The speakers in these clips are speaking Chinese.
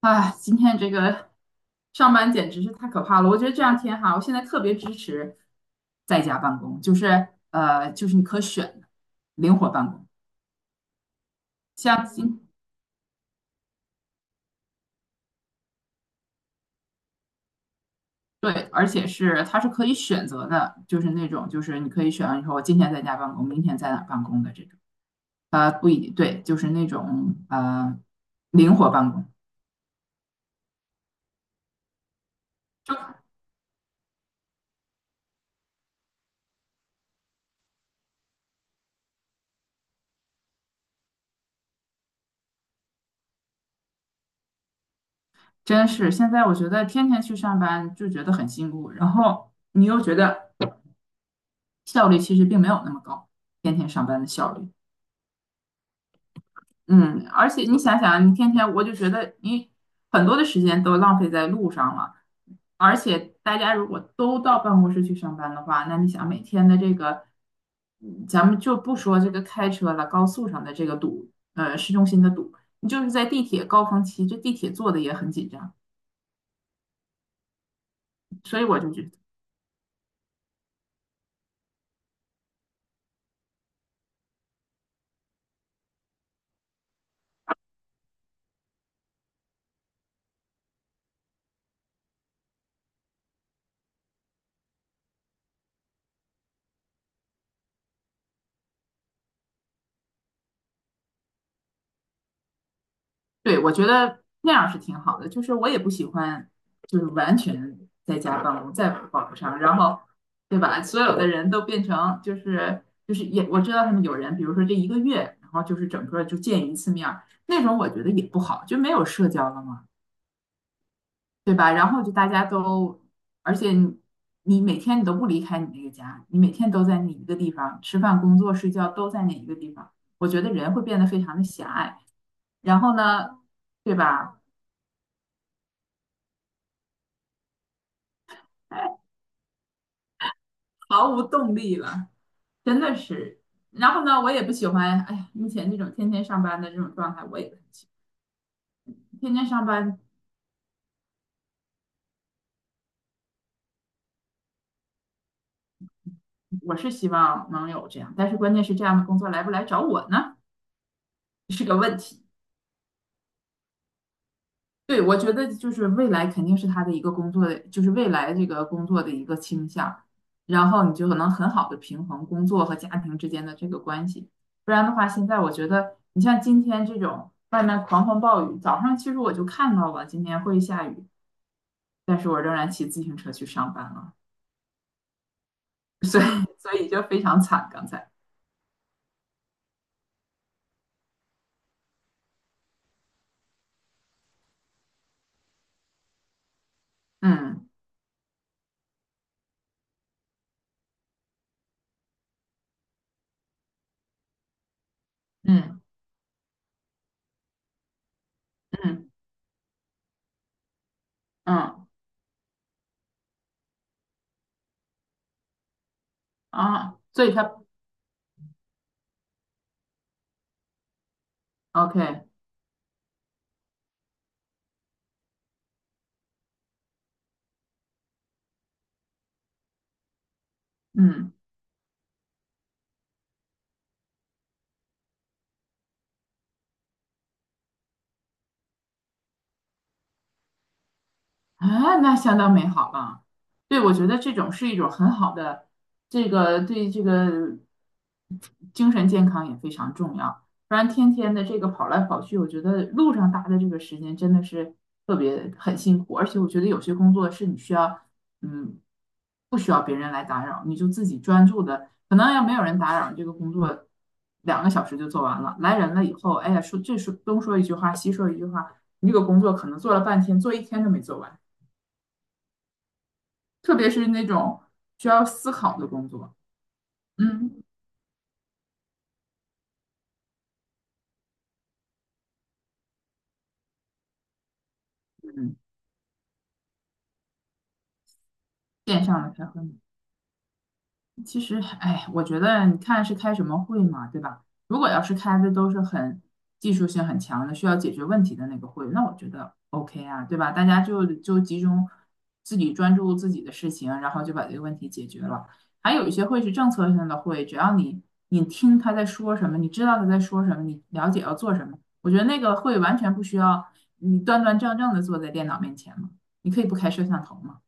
啊，今天上班简直是太可怕了！我觉得这两天哈，我现在特别支持在家办公，就是你可选的灵活办公，像今对，而且是它是可以选择的，就是那种就是你可以选，你说我今天在家办公，明天在哪儿办公的这种，不一定对，就是那种灵活办公。就真是现在我觉得天天去上班就觉得很辛苦，然后你又觉得效率其实并没有那么高，天天上班的效率。嗯，而且你想想啊，你天天我就觉得你很多的时间都浪费在路上了，而且大家如果都到办公室去上班的话，那你想每天的这个，咱们就不说这个开车了，高速上的这个堵，市中心的堵，你就是在地铁高峰期，这地铁坐的也很紧张，所以我就觉对，我觉得那样是挺好的。就是我也不喜欢，就是完全在家办公，在网不上，然后，对吧？所有的人都变成就是也，我知道他们有人，比如说这一个月，然后就是整个就见一次面儿那种我觉得也不好，就没有社交了嘛，对吧？然后就大家都，而且你每天你都不离开你那个家，你每天都在那一个地方吃饭、工作、睡觉都在那一个地方，我觉得人会变得非常的狭隘。然后呢，对吧？哎，毫无动力了，真的是。然后呢，我也不喜欢，哎呀，目前这种天天上班的这种状态，我也不很喜欢。天天上班，我是希望能有这样，但是关键是这样的工作来不来找我呢，是个问题。对，我觉得就是未来肯定是他的一个工作的，就是未来这个工作的一个倾向，然后你就能很好的平衡工作和家庭之间的这个关系。不然的话，现在我觉得你像今天这种外面狂风暴雨，早上其实我就看到了今天会下雨。但是我仍然骑自行车去上班了，所以就非常惨。刚才，嗯。嗯。嗯。嗯。啊，所以OK。嗯。啊，那相当美好了。对，我觉得这种是一种很好的，这个对这个精神健康也非常重要。不然天天的这个跑来跑去，我觉得路上搭的这个时间真的是特别很辛苦。而且我觉得有些工作是你需要，嗯，不需要别人来打扰，你就自己专注的。可能要没有人打扰，这个工作两个小时就做完了。来人了以后，哎呀，说这说东说一句话，西说一句话，你这个工作可能做了半天，做一天都没做完。特别是那种需要思考的工作，嗯。嗯，线上的才会。其实，哎，我觉得你看是开什么会嘛，对吧？如果要是开的都是很技术性很强的，需要解决问题的那个会，那我觉得 OK 啊，对吧？大家就集中自己专注自己的事情，然后就把这个问题解决了。还有一些会是政策性的会，只要你听他在说什么，你知道他在说什么，你了解要做什么，我觉得那个会完全不需要你端端正正的坐在电脑面前嘛，你可以不开摄像头嘛，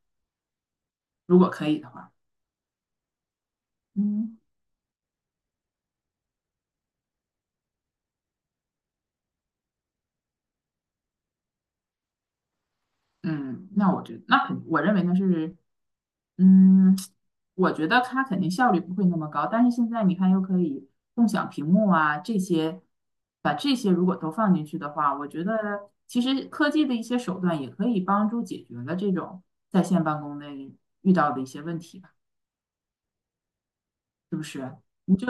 如果可以的话，嗯。嗯，那我觉得，那肯，我认为呢是，嗯，我觉得它肯定效率不会那么高，但是现在你看又可以共享屏幕啊，这些，把这些如果都放进去的话，我觉得其实科技的一些手段也可以帮助解决了这种在线办公的遇到的一些问题吧。你就，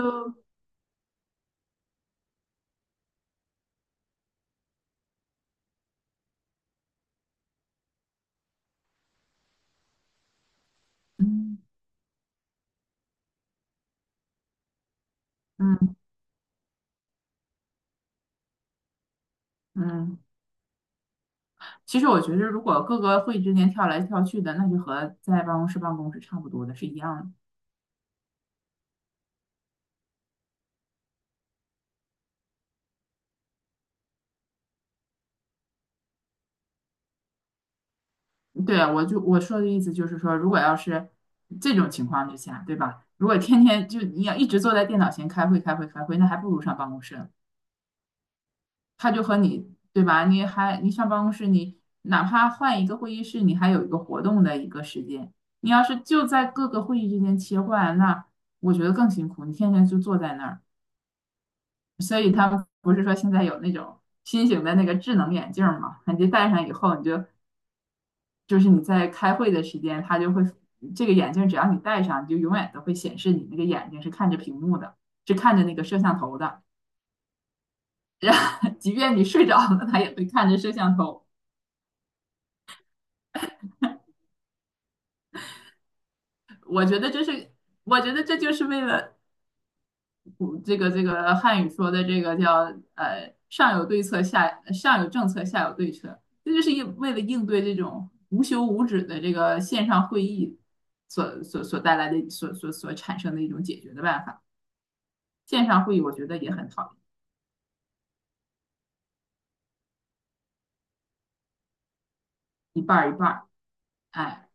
嗯。嗯。嗯。其实我觉得如果各个会议之间跳来跳去的，那就和在办公室办公是差不多的，是一样的。对啊，我就我说的意思就是说，如果要是这种情况之下，对吧？如果天天就你要一直坐在电脑前开会、开会、开会，那还不如上办公室呢。他就和你，对吧？你还你上办公室，你哪怕换一个会议室，你还有一个活动的一个时间。你要是就在各个会议之间切换，那我觉得更辛苦。你天天就坐在那儿，所以他们不是说现在有那种新型的那个智能眼镜儿嘛？你戴上以后，你就就是你在开会的时间，他就会这个眼镜只要你戴上，你就永远都会显示你那个眼睛是看着屏幕的，是看着那个摄像头的。然后即便你睡着了，他也会看着摄像头。我觉得这是，我觉得这就是为了这个这个汉语说的这个叫上有对策下，上有政策下有对策，这就是应为了应对这种无休无止的这个线上会议所带来的所产生的一种解决的办法。线上会议我觉得也很讨厌，一半儿一半儿。哎，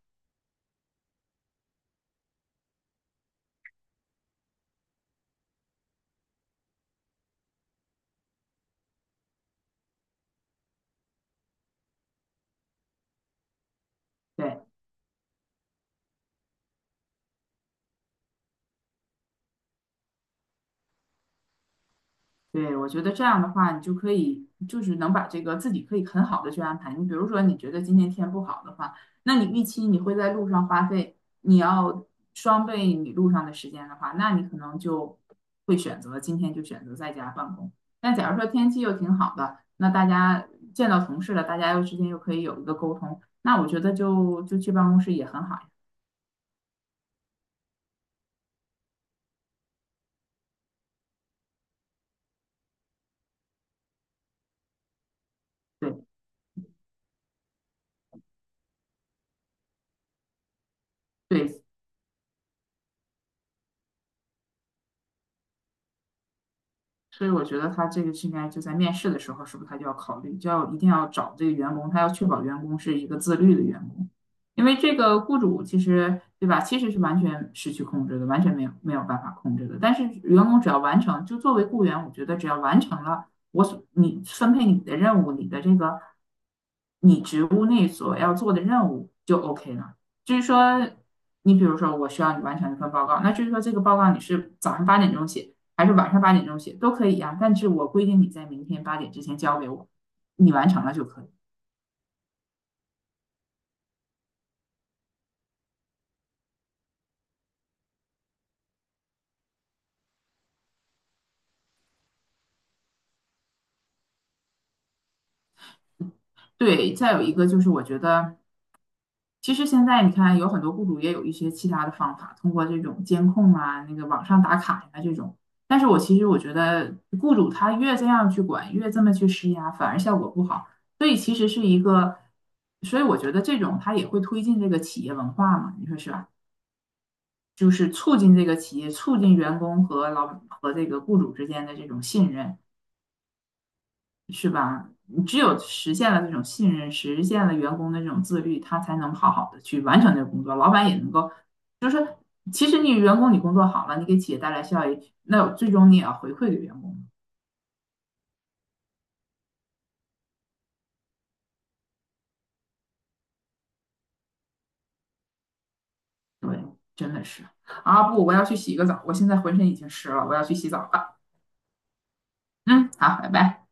对。对，我觉得这样的话，你就可以就是能把这个自己可以很好的去安排。你比如说，你觉得今天天不好的话，那你预期你会在路上花费，你要双倍你路上的时间的话，那你可能就会选择今天就选择在家办公。那假如说天气又挺好的，那大家见到同事了，大家又之间又可以有一个沟通，那我觉得就去办公室也很好呀。对。对，所以我觉得他这个是应该就在面试的时候，是不是他就要考虑，就要一定要找这个员工，他要确保员工是一个自律的员工，因为这个雇主其实对吧，其实是完全失去控制的，完全没有办法控制的。但是员工只要完成，就作为雇员，我觉得只要完成了我所你分配你的任务，你的这个你职务内所要做的任务就 OK 了。就是说，你比如说我需要你完成一份报告，那就是说这个报告你是早上八点钟写。还是晚上八点钟写都可以呀、但是我规定你在明天八点之前交给我，你完成了就可以。对，再有一个就是我觉得，其实现在你看有很多雇主也有一些其他的方法，通过这种监控啊、那个网上打卡呀、这种。但是我其实我觉得，雇主他越这样去管，越这么去施压，反而效果不好。所以其实是一个，所以我觉得这种他也会推进这个企业文化嘛，你说是吧？就是促进这个企业、促进员工和老和这个雇主之间的这种信任，是吧？你只有实现了这种信任，实现了员工的这种自律，他才能好好的去完成这个工作，老板也能够。其实你员工你工作好了，你给企业带来效益，那最终你也要回馈给员工。对，真的是啊，不，我要去洗个澡，我现在浑身已经湿了，我要去洗澡了。嗯，好，拜拜。